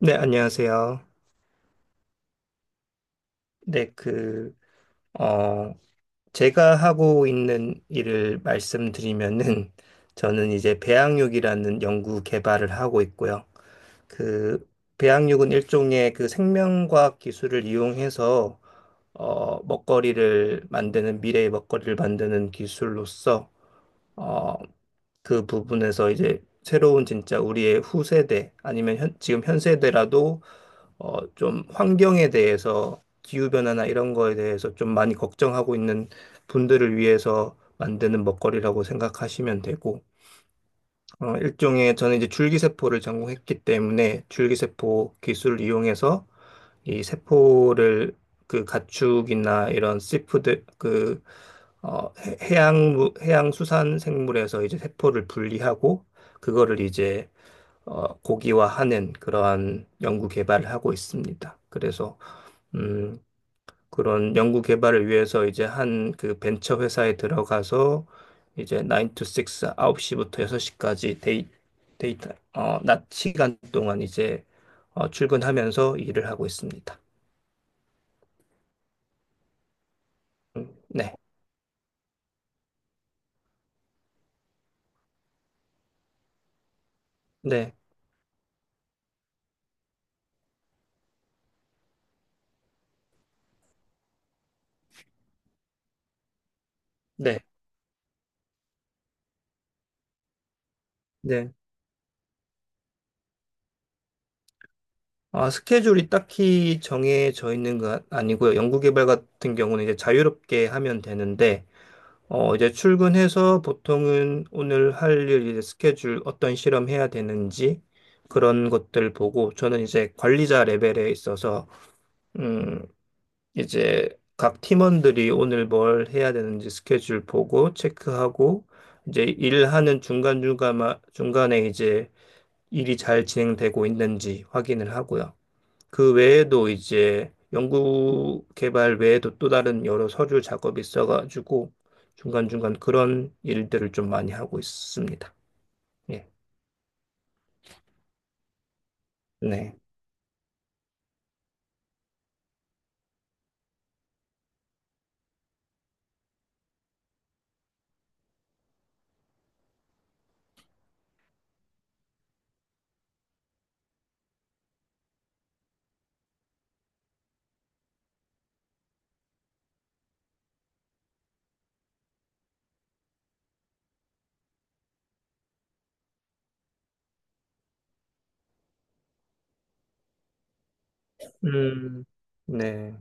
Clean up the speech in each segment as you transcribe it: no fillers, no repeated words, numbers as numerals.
네, 안녕하세요. 네, 어, 제가 하고 있는 일을 말씀드리면은, 저는 이제 배양육이라는 연구 개발을 하고 있고요. 그, 배양육은 일종의 그 생명과학 기술을 이용해서, 먹거리를 만드는, 미래의 먹거리를 만드는 기술로서, 어, 그 부분에서 이제 새로운 진짜 우리의 후세대, 아니면 지금 현 세대라도 좀 환경에 대해서 기후변화나 이런 거에 대해서 좀 많이 걱정하고 있는 분들을 위해서 만드는 먹거리라고 생각하시면 되고, 일종의 저는 이제 줄기세포를 전공했기 때문에 줄기세포 기술을 이용해서 이 세포를 그 가축이나 이런 씨푸드 해양, 해양 수산 생물에서 이제 세포를 분리하고 그거를 이제 고기화하는 그러한 연구 개발을 하고 있습니다. 그래서 음, 그런 연구 개발을 위해서 이제 한 그 벤처 회사에 들어가서 이제 9 to 6, 9시부터 6시까지 데이터, 낮 시간 동안 이제 출근하면서 일을 하고 있습니다. 네, 네, 네, 네. 아, 스케줄이 딱히 정해져 있는 건 아니고요. 연구 개발 같은 경우는 이제 자유롭게 하면 되는데, 이제 출근해서 보통은 오늘 할 일, 이제 스케줄, 어떤 실험 해야 되는지 그런 것들 보고 저는 이제 관리자 레벨에 있어서, 음, 이제 각 팀원들이 오늘 뭘 해야 되는지 스케줄 보고 체크하고 이제 일하는 중간중간, 중간에 이제 일이 잘 진행되고 있는지 확인을 하고요. 그 외에도 이제 연구 개발 외에도 또 다른 여러 서류 작업이 있어가지고 중간중간 그런 일들을 좀 많이 하고 있습니다. 예. 네. 음, 네.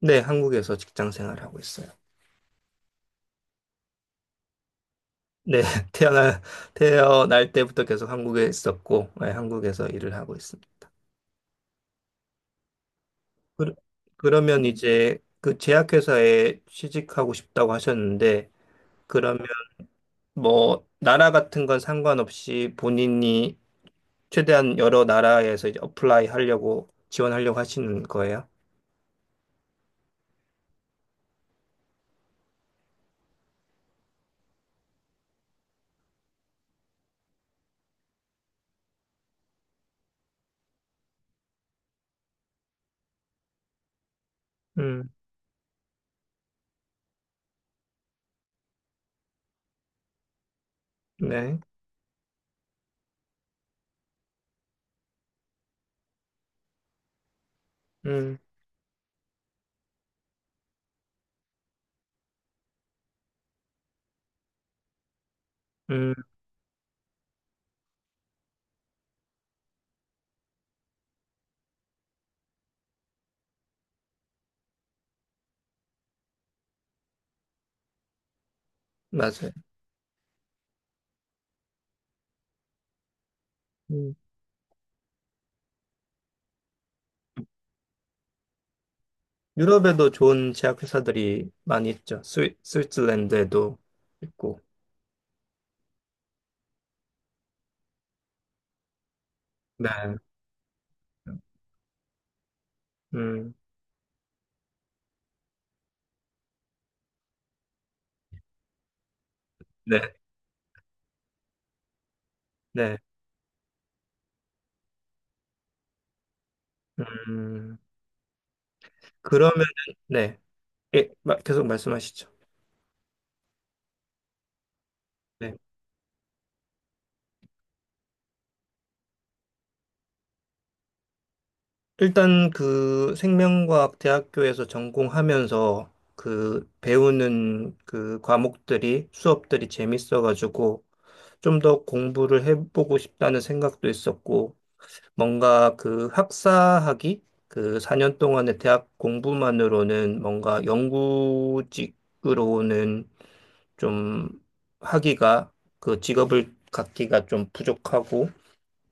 네, 한국에서 직장 생활하고 있어요. 네, 태어날, 태어날 때부터 계속 한국에 있었고, 네, 한국에서 일을 하고 있습니다. 그, 그러면 이제 그 제약회사에 취직하고 싶다고 하셨는데, 그러면 뭐, 나라 같은 건 상관없이 본인이 최대한 여러 나라에서 이제 어플라이 하려고 지원하려고 하시는 거예요? 음, 네. 음, 음, 맞아요. 음. 유럽에도 좋은 제약 회사들이 많이 있죠. 스위스랜드에도 있고. 네. 음, 네. 네. 음, 그러면 네. 예, 계속 말씀하시죠. 네. 일단 그 생명과학 대학교에서 전공하면서 그 배우는 그 과목들이 수업들이 재밌어가지고 좀 더 공부를 해보고 싶다는 생각도 있었고, 뭔가 그 학사학위, 그 4년 동안의 대학 공부만으로는 뭔가 연구직으로는 좀 하기가, 그 직업을 갖기가 좀 부족하고,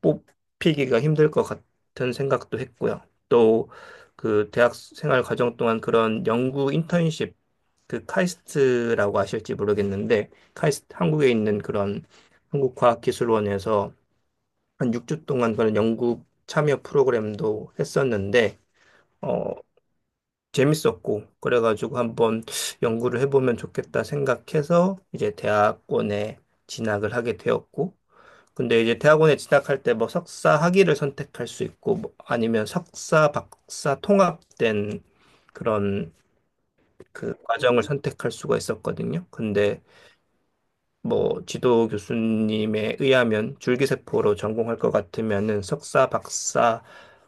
뽑히기가 힘들 것 같은 생각도 했고요. 또 그 대학 생활 과정 동안 그런 연구 인턴십 그 카이스트라고 아실지 모르겠는데 카이스트 한국에 있는 그런 한국과학기술원에서 한 6주 동안 그런 연구 참여 프로그램도 했었는데 어 재밌었고 그래가지고 한번 연구를 해보면 좋겠다 생각해서 이제 대학원에 진학을 하게 되었고 근데 이제 대학원에 진학할 때 뭐 석사 학위를 선택할 수 있고 뭐 아니면 석사 박사 통합된 그런 그 과정을 선택할 수가 있었거든요. 근데 뭐 지도 교수님에 의하면 줄기세포로 전공할 것 같으면은 석사 박사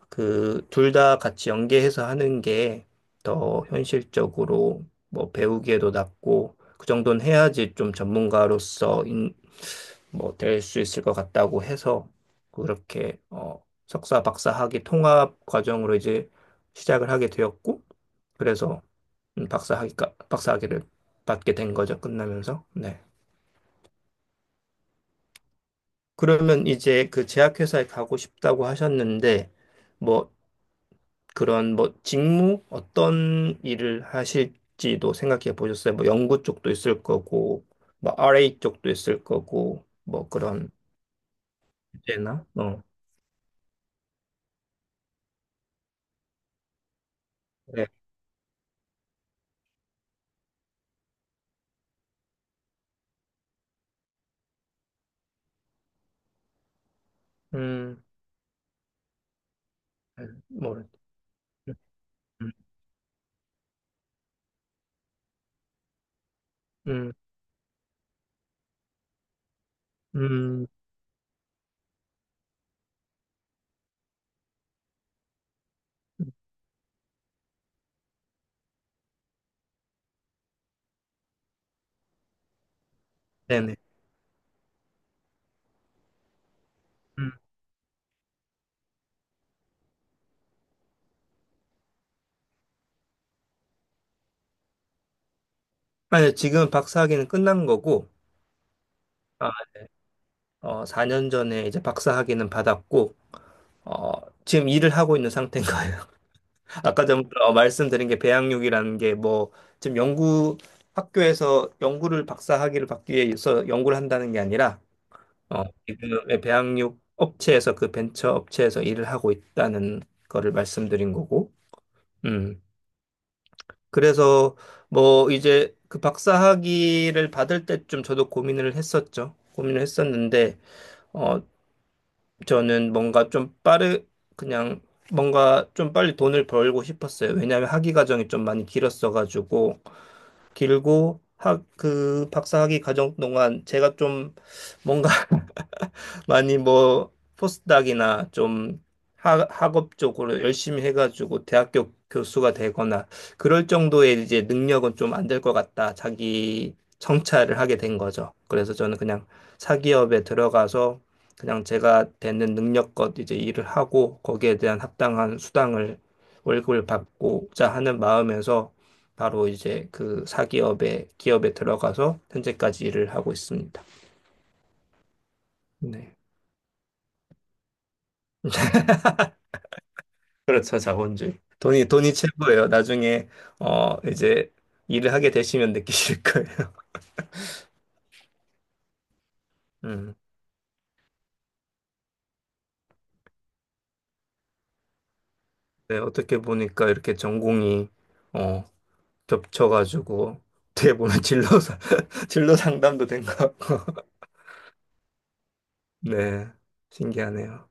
그 둘 다 같이 연계해서 하는 게 더 현실적으로 뭐 배우기에도 낫고 그 정도는 해야지 좀 전문가로서 뭐 될 수 있을 것 같다고 해서 그렇게 석사 박사 학위 통합 과정으로 이제 시작을 하게 되었고 그래서 박사 학위를 받게 된 거죠. 끝나면서. 네. 그러면 이제 그 제약회사에 가고 싶다고 하셨는데 뭐 그런 뭐 직무 어떤 일을 하실지도 생각해 보셨어요? 뭐 연구 쪽도 있을 거고 뭐 RA 쪽도 있을 거고 뭐 그런 제나 어. 네. 음. 모르. 음, 음, 음, 네네. 음. 아니, 지금 박사학위는 끝난 거고, 아, 어, 4년 전에 이제 박사학위는 받았고, 어, 지금 일을 하고 있는 상태인 거예요. 아까 전부터 말씀드린 게 배양육이라는 게 뭐, 지금 연구, 학교에서 연구를 박사학위를 받기 위해서 연구를 한다는 게 아니라, 지금 배양육 업체에서 그 벤처 업체에서 일을 하고 있다는 거를 말씀드린 거고, 음. 그래서 뭐 이제 그 박사 학위를 받을 때쯤 저도 고민을 했었죠. 고민을 했었는데 어 저는 뭔가 좀 빠르 그냥 뭔가 좀 빨리 돈을 벌고 싶었어요. 왜냐하면 학위 과정이 좀 많이 길었어가지고 그 박사학위 과정 동안 제가 좀 뭔가 많이 뭐 포스닥이나 좀 학 학업 쪽으로 열심히 해가지고 대학교 교수가 되거나 그럴 정도의 이제 능력은 좀 안 될 것 같다. 자기 성찰을 하게 된 거죠. 그래서 저는 그냥 사기업에 들어가서 그냥 제가 되는 능력껏 이제 일을 하고 거기에 대한 합당한 수당을 월급을 받고자 하는 마음에서 바로 이제 그 기업에 들어가서 현재까지 일을 하고 있습니다. 네. 그렇죠, 자본주의. 돈이 최고예요. 나중에, 이제 일을 하게 되시면 느끼실 거예요. 음. 네, 어떻게 보니까 이렇게 전공이, 어, 겹쳐가지고, 어떻게 보면 진로 상담도 된 것 같고. 네, 신기하네요.